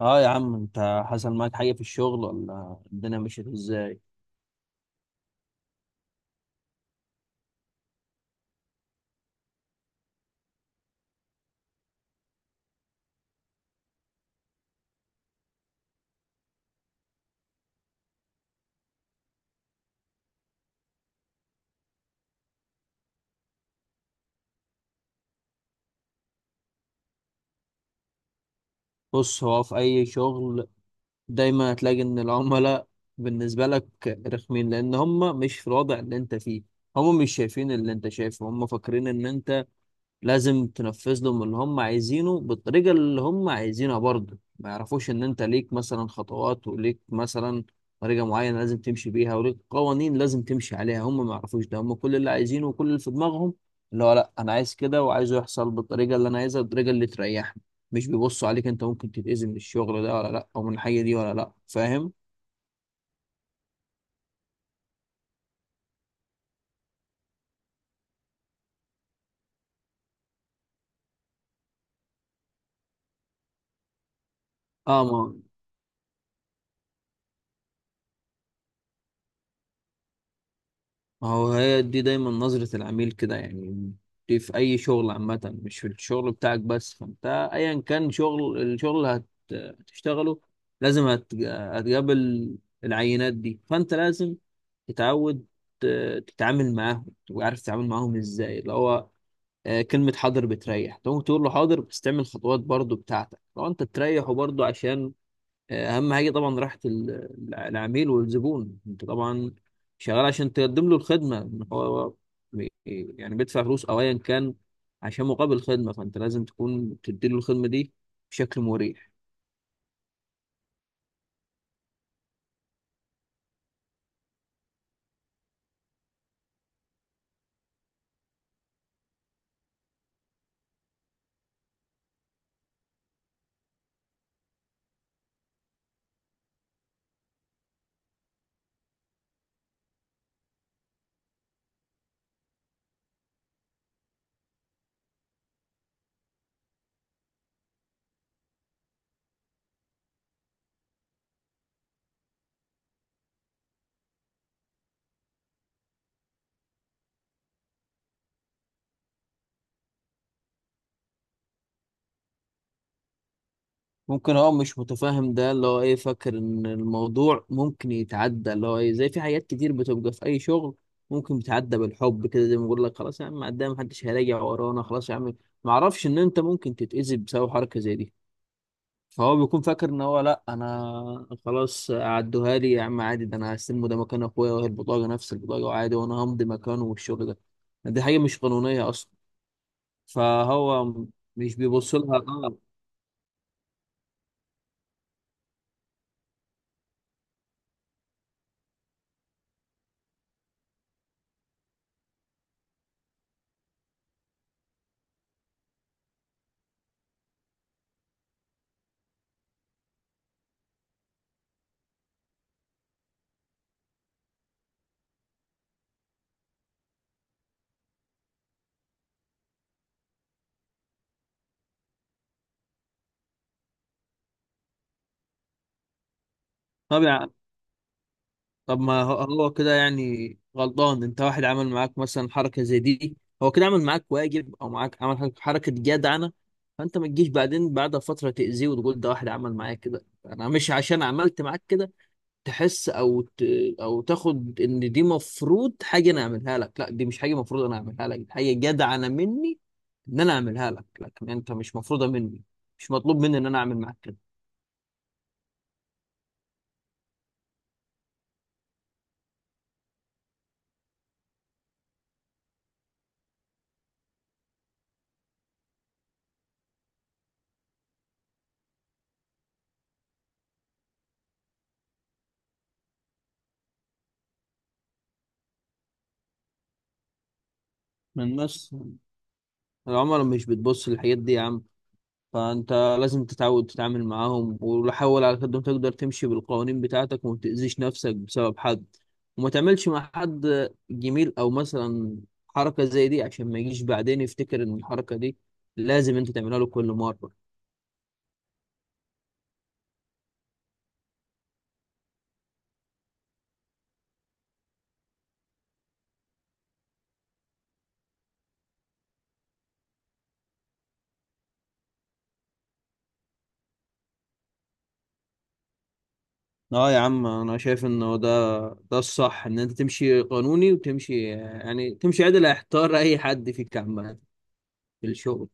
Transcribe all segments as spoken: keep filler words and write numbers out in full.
اه يا عم، انت حصل معاك حاجة في الشغل ولا الدنيا مشيت ازاي؟ بص، هو في اي شغل دايما هتلاقي ان العملاء بالنسبة لك رخمين، لان هم مش في الوضع اللي انت فيه. هم مش شايفين اللي انت شايفه، هم فاكرين ان انت لازم تنفذ لهم اللي هم عايزينه بالطريقة اللي هم عايزينها، برضه ما يعرفوش ان انت ليك مثلا خطوات وليك مثلا طريقة معينة لازم تمشي بيها، وليك قوانين لازم تمشي عليها. هم ما يعرفوش ده، هم كل اللي عايزينه وكل اللي في دماغهم اللي هو لا انا عايز كده، وعايزه يحصل بالطريقة اللي انا عايزها، بالطريقة اللي تريحني. مش بيبصوا عليك انت ممكن تتأذي من الشغل ده ولا لا، او من الحاجة دي ولا لا، فاهم؟ اه. ما ما هو هي دي دايما نظرة العميل كده يعني. دي في أي شغل عامة، مش في الشغل بتاعك بس. فأنت أيا كان شغل الشغل اللي هت- هتشتغله، لازم هت- هتقابل العينات دي. فأنت لازم تتعود ت- تتعامل معاهم، تبقى عارف تتعامل معاهم إزاي، اللي هو آه، كلمة حاضر بتريح. تقوم تقول له حاضر، بس تعمل خطوات برضو بتاعتك، لو أنت تريحه برضو. عشان اهم حاجه طبعا راحه ال- العميل والزبون. انت طبعا شغال عشان تقدم له الخدمه، إن هو بي- يعني بيدفع فلوس او ايا كان عشان مقابل الخدمه، فانت لازم تكون تدي له الخدمه دي بشكل مريح. ممكن هو مش متفاهم، ده اللي هو ايه، فاكر ان الموضوع ممكن يتعدى اللي هو ايه، زي في حاجات كتير بتبقى في اي شغل ممكن بتعدى بالحب كده، زي ما بقول لك خلاص يا عم قدام محدش هيراجع ورانا، خلاص يا عم. معرفش ان انت ممكن تتأذي بسبب حركه زي دي. فهو بيكون فاكر ان هو لا انا خلاص عدوها لي يا عم عادي، ده انا هستلمه، ده مكان اخويا، وهي البطاقه نفس البطاقه وعادي، وانا همضي مكانه، والشغل ده. دي حاجه مش قانونيه اصلا، فهو مش بيبص لها. اه. طب يع- طب ما هو، هو كده يعني غلطان؟ انت واحد عمل معاك مثلا حركه زي دي، هو كده عمل معاك واجب او معاك عمل حركه حركة جدعنه. فانت ما تجيش بعدين بعد فتره تاذيه وتقول ده واحد عمل معايا كده. انا مش عشان عملت معاك كده تحس او ت... او تاخد ان دي مفروض حاجه انا اعملها لك. لا، دي مش حاجه مفروض انا اعملها لك، دي حاجه جدعه انا مني ان انا اعملها لك. لكن انت مش مفروضه مني، مش مطلوب مني ان انا اعمل معاك كده. من بس العملاء مش بتبص للحاجات دي يا عم. فانت لازم تتعود تتعامل معاهم، وحاول على قد ما تقدر تمشي بالقوانين بتاعتك، وما تأذيش نفسك بسبب حد، وما تعملش مع حد جميل او مثلا حركه زي دي، عشان ما يجيش بعدين يفتكر ان الحركه دي لازم انت تعملها له كل مره. اه يا عم، انا شايف انه ده ده الصح. ان انت تمشي قانوني وتمشي يعني تمشي عدل، هيحتار اي حد فيك عامة في الشغل.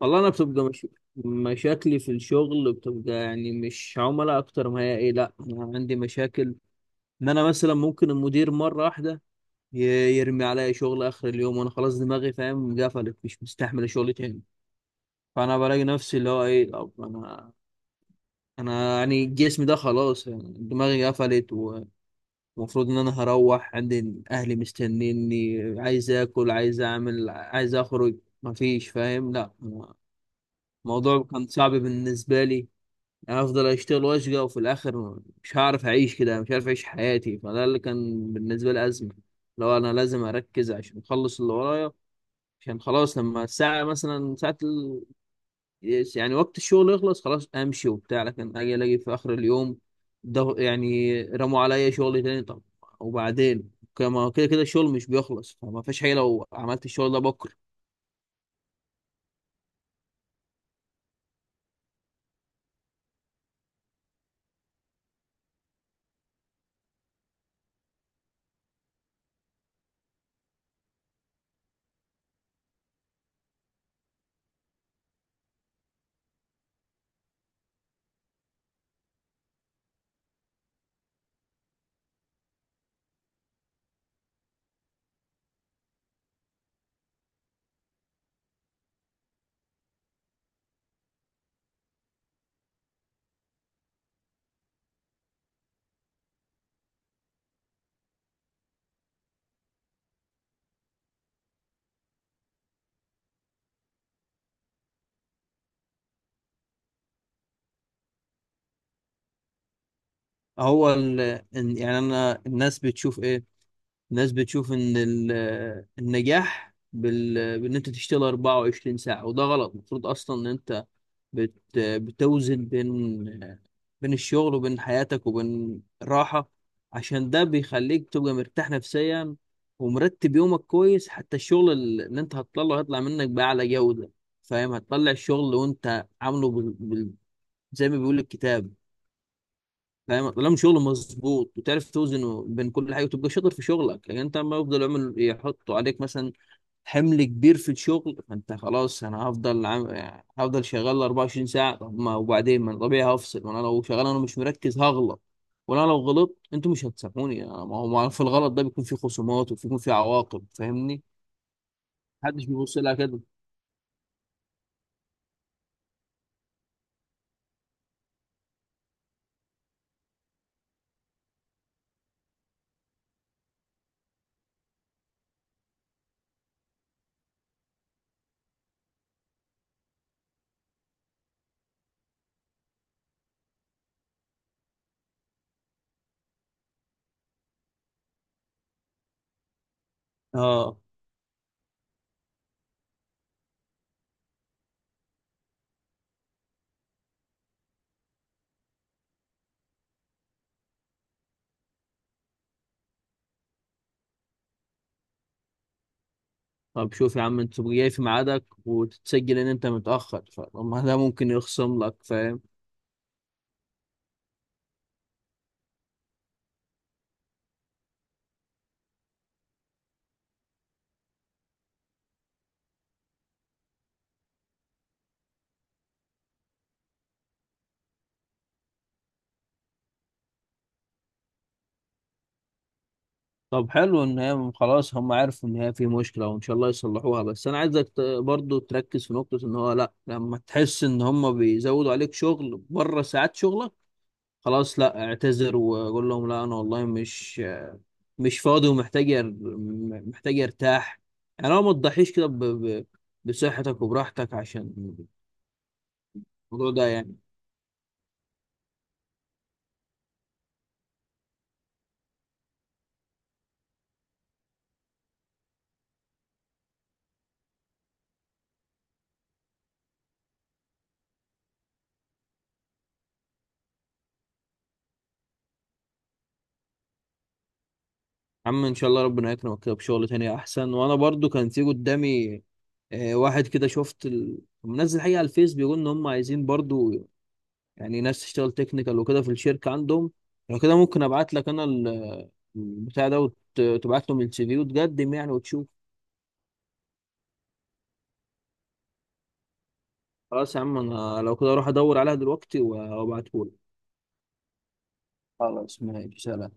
والله انا بتبقى مش... مشاكلي في الشغل بتبقى يعني مش عملاء اكتر ما هي ايه. لا انا عندي مشاكل ان انا مثلا ممكن المدير مرة واحدة ي- يرمي عليا شغل اخر اليوم، وانا خلاص دماغي، فاهم، قفلت، مش مستحمل الشغل تاني. فانا بلاقي نفسي اللي هو ايه، طب انا انا يعني جسمي ده خلاص، يعني دماغي قفلت. المفروض ان انا هروح عندي اهلي مستنيني، عايز اكل، عايز اعمل، عايز اخرج، مفيش، فاهم؟ لا، الموضوع كان صعب بالنسبه لي. انا افضل اشتغل واشقى وفي الاخر مش هعرف اعيش كده، مش عارف اعيش حياتي. فده اللي كان بالنسبه لي ازمه. لو انا لازم اركز عشان اخلص اللي ورايا، عشان خلاص لما الساعه مثلا ساعه يس يعني وقت الشغل يخلص خلاص امشي وبتاع، لكن اجي الاقي في اخر اليوم ده يعني رموا عليا شغل تاني. طب وبعدين، كما كده كده الشغل مش بيخلص، فما فيش حاجه لو عملت الشغل ده بكره. هو ال... إن- يعني انا الناس بتشوف ايه؟ الناس بتشوف ان ال... النجاح بال... بان انت تشتغل أربعة وعشرين ساعة ساعه، وده غلط. المفروض اصلا ان انت بت... بتوزن بين بين الشغل وبين حياتك وبين راحة. عشان ده بيخليك تبقى مرتاح نفسيا، ومرتب يومك كويس. حتى الشغل اللي انت هتطلعه هيطلع منك بأعلى جودة، فاهم؟ هتطلع الشغل وانت عامله بال... بال... زي ما بيقول الكتاب، فاهم؟ طالما شغل مظبوط وتعرف توزنه بين كل حاجة وتبقى شاطر في شغلك. لكن انت ما يفضل يعمل يحطوا عليك مثلا حمل كبير في الشغل، فانت خلاص انا هفضل عم... يعني هفضل شغال أربعة وعشرين ساعة ساعه، طب ما وبعدين ما أنا طبيعي هفصل. ما انا لو شغال انا مش مركز هغلط، وانا لو غلطت انتوا مش هتسامحوني. أنا- ما هو ما في، الغلط ده بيكون في خصومات وبيكون في عواقب، فاهمني؟ محدش بيبص لها كده. اه. طب شوف يا عم، انت تبقى جاي في ميعادك وتتسجل ان انت متاخر، فطب ما ده ممكن يخصم لك، فاهم؟ طب حلو ان هي خلاص هم عرفوا ان هي في مشكله، وان شاء الله يصلحوها. بس انا عايزك ت- برضو تركز في نقطه ان هو لا، لما تحس ان هم بيزودوا عليك شغل بره ساعات شغلك، خلاص لا، اعتذر وقول لهم لا انا والله مش مش فاضي ومحتاج أر- م- محتاج ارتاح. يعني لو ما تضحيش كده ب- ب- بصحتك وبراحتك، عشان الموضوع ده يعني. عم، ان شاء الله ربنا يكرمك كده بشغل تاني احسن. وانا برضو كان في قدامي آه، واحد كده شفت ال... منزل حقيقة على الفيس، بيقول ان هم عايزين برضو يعني ناس تشتغل تكنيكال وكده في الشركة عندهم. لو كده ممكن ابعت لك انا ال- البتاع ده، وتبعت لهم السي في وتقدم يعني وتشوف. خلاص يا عم، انا لو كده اروح ادور عليها دلوقتي وابعته لك. خلاص ماشي، سلام.